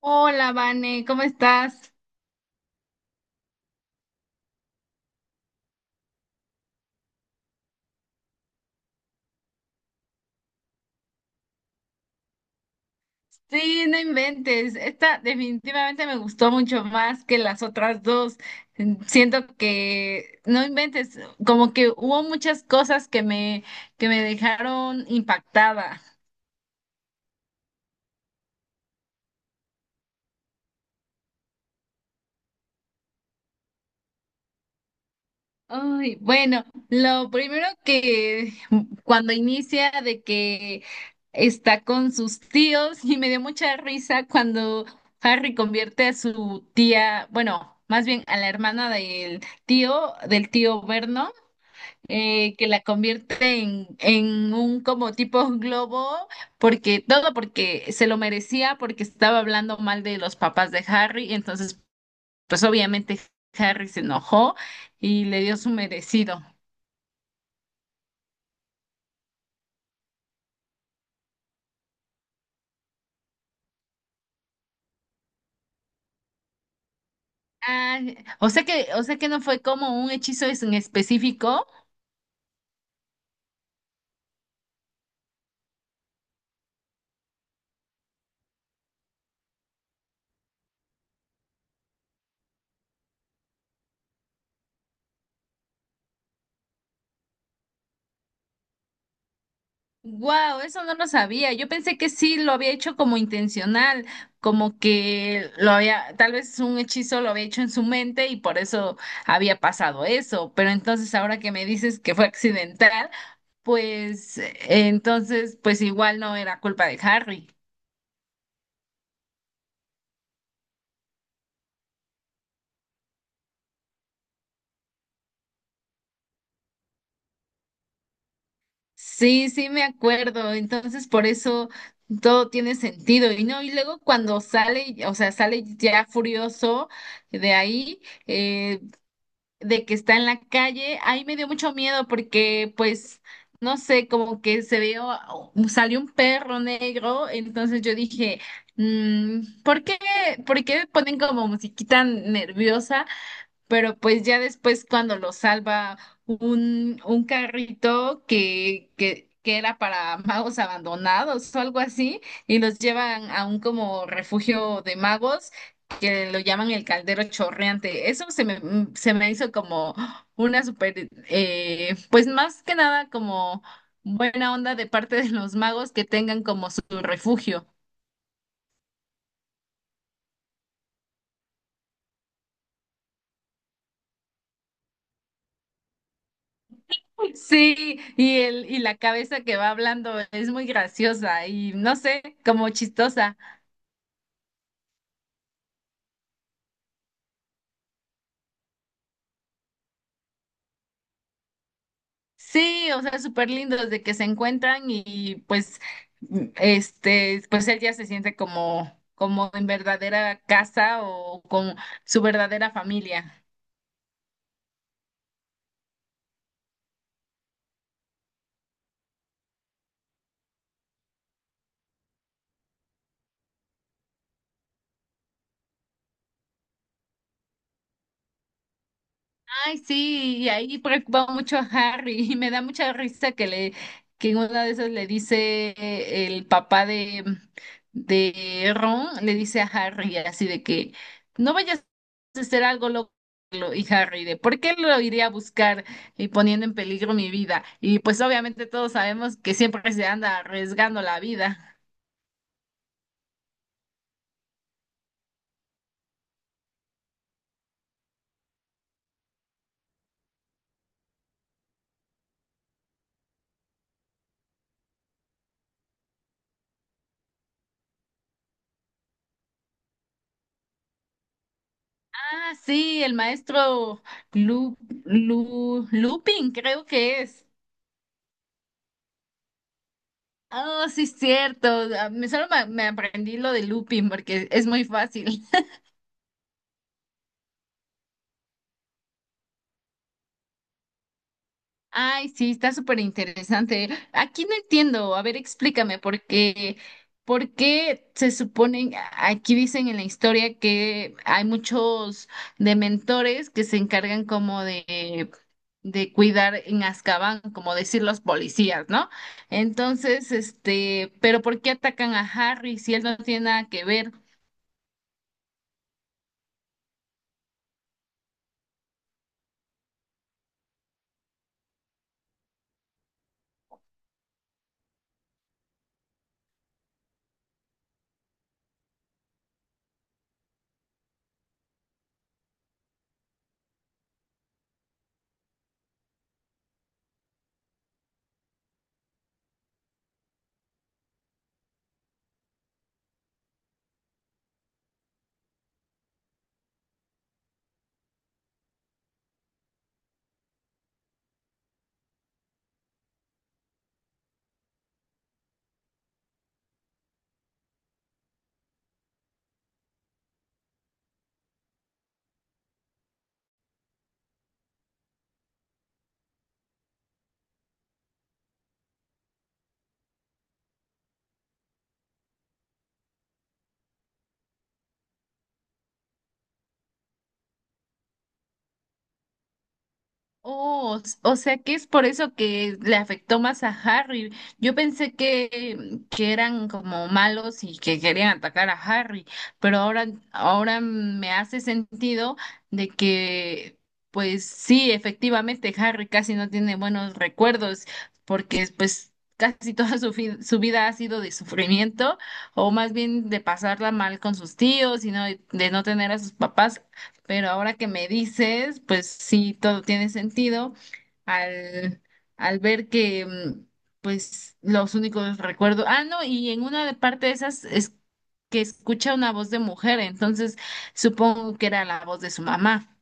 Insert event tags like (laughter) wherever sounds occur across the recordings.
Hola, Vane, ¿cómo estás? Sí, no inventes. Esta definitivamente me gustó mucho más que las otras dos. Siento que, no inventes, como que hubo muchas cosas que me dejaron impactada. Ay, bueno, lo primero que cuando inicia de que está con sus tíos (laughs) y me dio mucha risa cuando Harry convierte a su tía, bueno, más bien a la hermana del tío Vernon, que la convierte en un como tipo globo, porque todo porque se lo merecía, porque estaba hablando mal de los papás de Harry, entonces pues obviamente Harry se enojó y le dio su merecido. Ah, o sea que no fue como un hechizo en específico. Wow, eso no lo sabía. Yo pensé que sí lo había hecho como intencional, como que lo había, tal vez un hechizo lo había hecho en su mente y por eso había pasado eso. Pero entonces ahora que me dices que fue accidental, pues entonces, pues igual no era culpa de Harry. Sí, sí me acuerdo. Entonces, por eso todo tiene sentido. Y no, y luego cuando sale, o sea, sale ya furioso de ahí, eh, de que está en la calle, ahí me dio mucho miedo porque, pues, no sé, como que se vio, oh, oh, salió un perro negro. Entonces yo dije, mm, ¿por qué, por qué ponen como musiquita nerviosa? Pero pues ya después cuando lo salva un carrito que era para magos abandonados o algo así, y los llevan a un como refugio de magos que lo llaman el caldero chorreante. Eso se me, mm, Se me hizo como una super, pues más que nada como buena onda de parte de los magos que tengan como su refugio. Sí, y la cabeza que va hablando es muy graciosa y no sé, como chistosa. Sí, o sea, súper lindo desde que se encuentran y pues pues él ya se siente como, como en verdadera casa o con su verdadera familia. Ay, sí, y ahí preocupa mucho a Harry y me da mucha risa que en una de esas le dice el papá de Ron le dice a Harry así de que no vayas a hacer algo loco y Harry de ¿por qué lo iría a buscar y poniendo en peligro mi vida? Y pues obviamente todos sabemos que siempre se anda arriesgando la vida. Ah, sí, el maestro Lu, Lupin creo que es. Oh, sí, es cierto. Ah, solo me aprendí lo de looping porque es muy fácil. (laughs) Ay, sí, está súper interesante. Aquí no entiendo. A ver, explícame por qué se suponen, aquí dicen en la historia que hay muchos dementores que se encargan de cuidar en Azkaban, como decir los policías, ¿no? Entonces, este, pero ¿por qué atacan a Harry si él no tiene nada que ver? Oh, o sea que es por eso que le afectó más a Harry. Yo pensé que eran como malos y que querían atacar a Harry, pero ahora me hace sentido de que, pues sí, efectivamente Harry casi no tiene buenos recuerdos porque pues casi toda su, su vida ha sido de sufrimiento o más bien de pasarla mal con sus tíos y no, de no tener a sus papás. Pero ahora que me dices, pues sí, todo tiene sentido al, al ver que, pues, los únicos recuerdos. Ah, no, y en una de parte de esas es que escucha una voz de mujer, entonces supongo que era la voz de su mamá.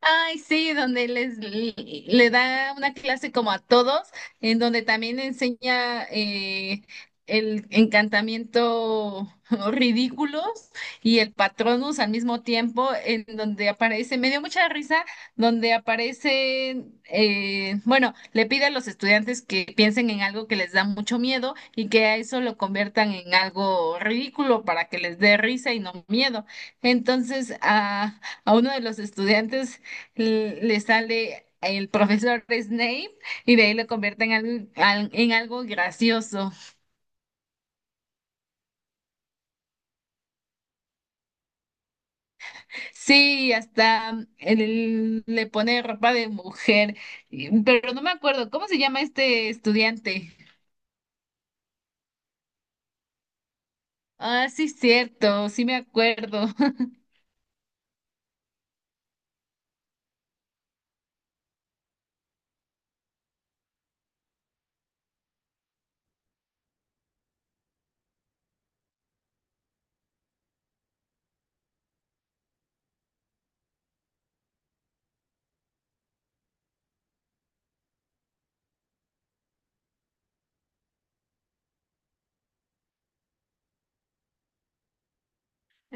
Ay, sí, donde les le da una clase como a todos, en donde también enseña el encantamiento (laughs) ridículos y el Patronus al mismo tiempo, en donde aparece, me dio mucha risa, donde aparecen, bueno, le pide a los estudiantes que piensen en algo que les da mucho miedo y que a eso lo conviertan en algo ridículo para que les dé risa y no miedo. Entonces, a uno de los estudiantes le sale el profesor Snape y de ahí lo convierte en algo, en algo gracioso. Sí, hasta él le pone ropa de mujer, pero no me acuerdo, ¿cómo se llama este estudiante? Ah, sí, cierto, sí me acuerdo. (laughs)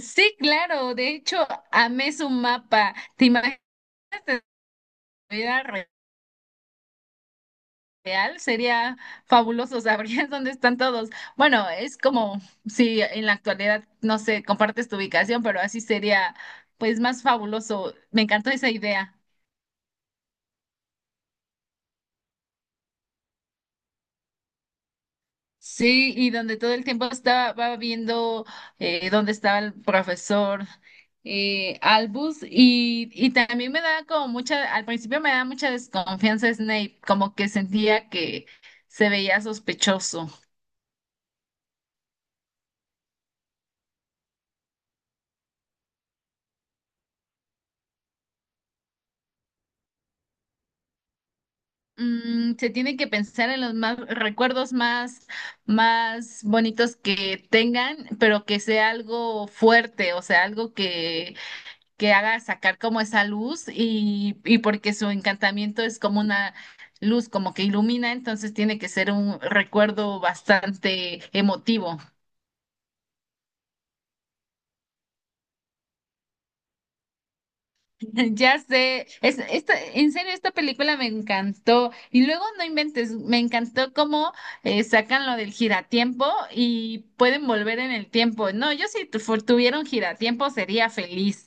Sí, claro, de hecho, amé su mapa. ¿Te imaginas? Real sería fabuloso, sabrías (laughs) dónde están todos. Bueno, es como si en la actualidad, no sé, compartes tu ubicación, pero así sería pues más fabuloso. Me encantó esa idea. Sí, y donde todo el tiempo estaba va viendo dónde estaba el profesor Albus y también me da como mucha, al principio me da mucha desconfianza Snape, como que sentía que se veía sospechoso. Mm, se tiene que pensar en los más recuerdos más, más bonitos que tengan, pero que sea algo fuerte, o sea, algo que haga sacar como esa luz y porque su encantamiento es como una luz, como que ilumina, entonces tiene que ser un recuerdo bastante emotivo. (laughs) Ya sé, en serio, esta película me encantó. Y luego no inventes, me encantó cómo sacan lo del giratiempo y pueden volver en el tiempo. No, yo si tuviera un giratiempo sería feliz.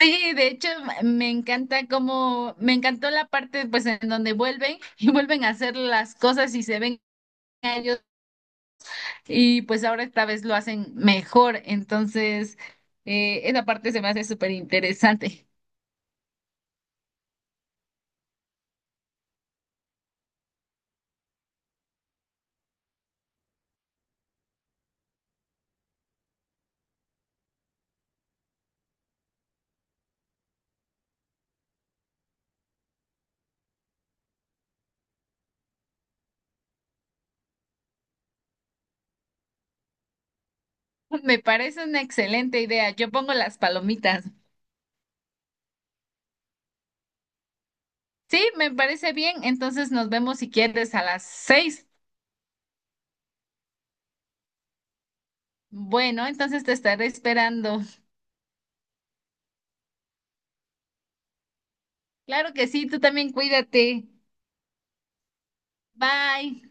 Sí, de hecho, me encanta como me encantó la parte pues en donde vuelven y (laughs) vuelven a hacer las cosas y se ven a ellos y pues ahora esta vez lo hacen mejor. Entonces, esa parte se me hace súper interesante. (laughs) Me parece una excelente idea. Yo pongo las palomitas. Sí, me parece bien. Entonces nos vemos si quieres a las seis. Bueno, entonces te estaré esperando. Claro que sí, tú también cuídate. Bye.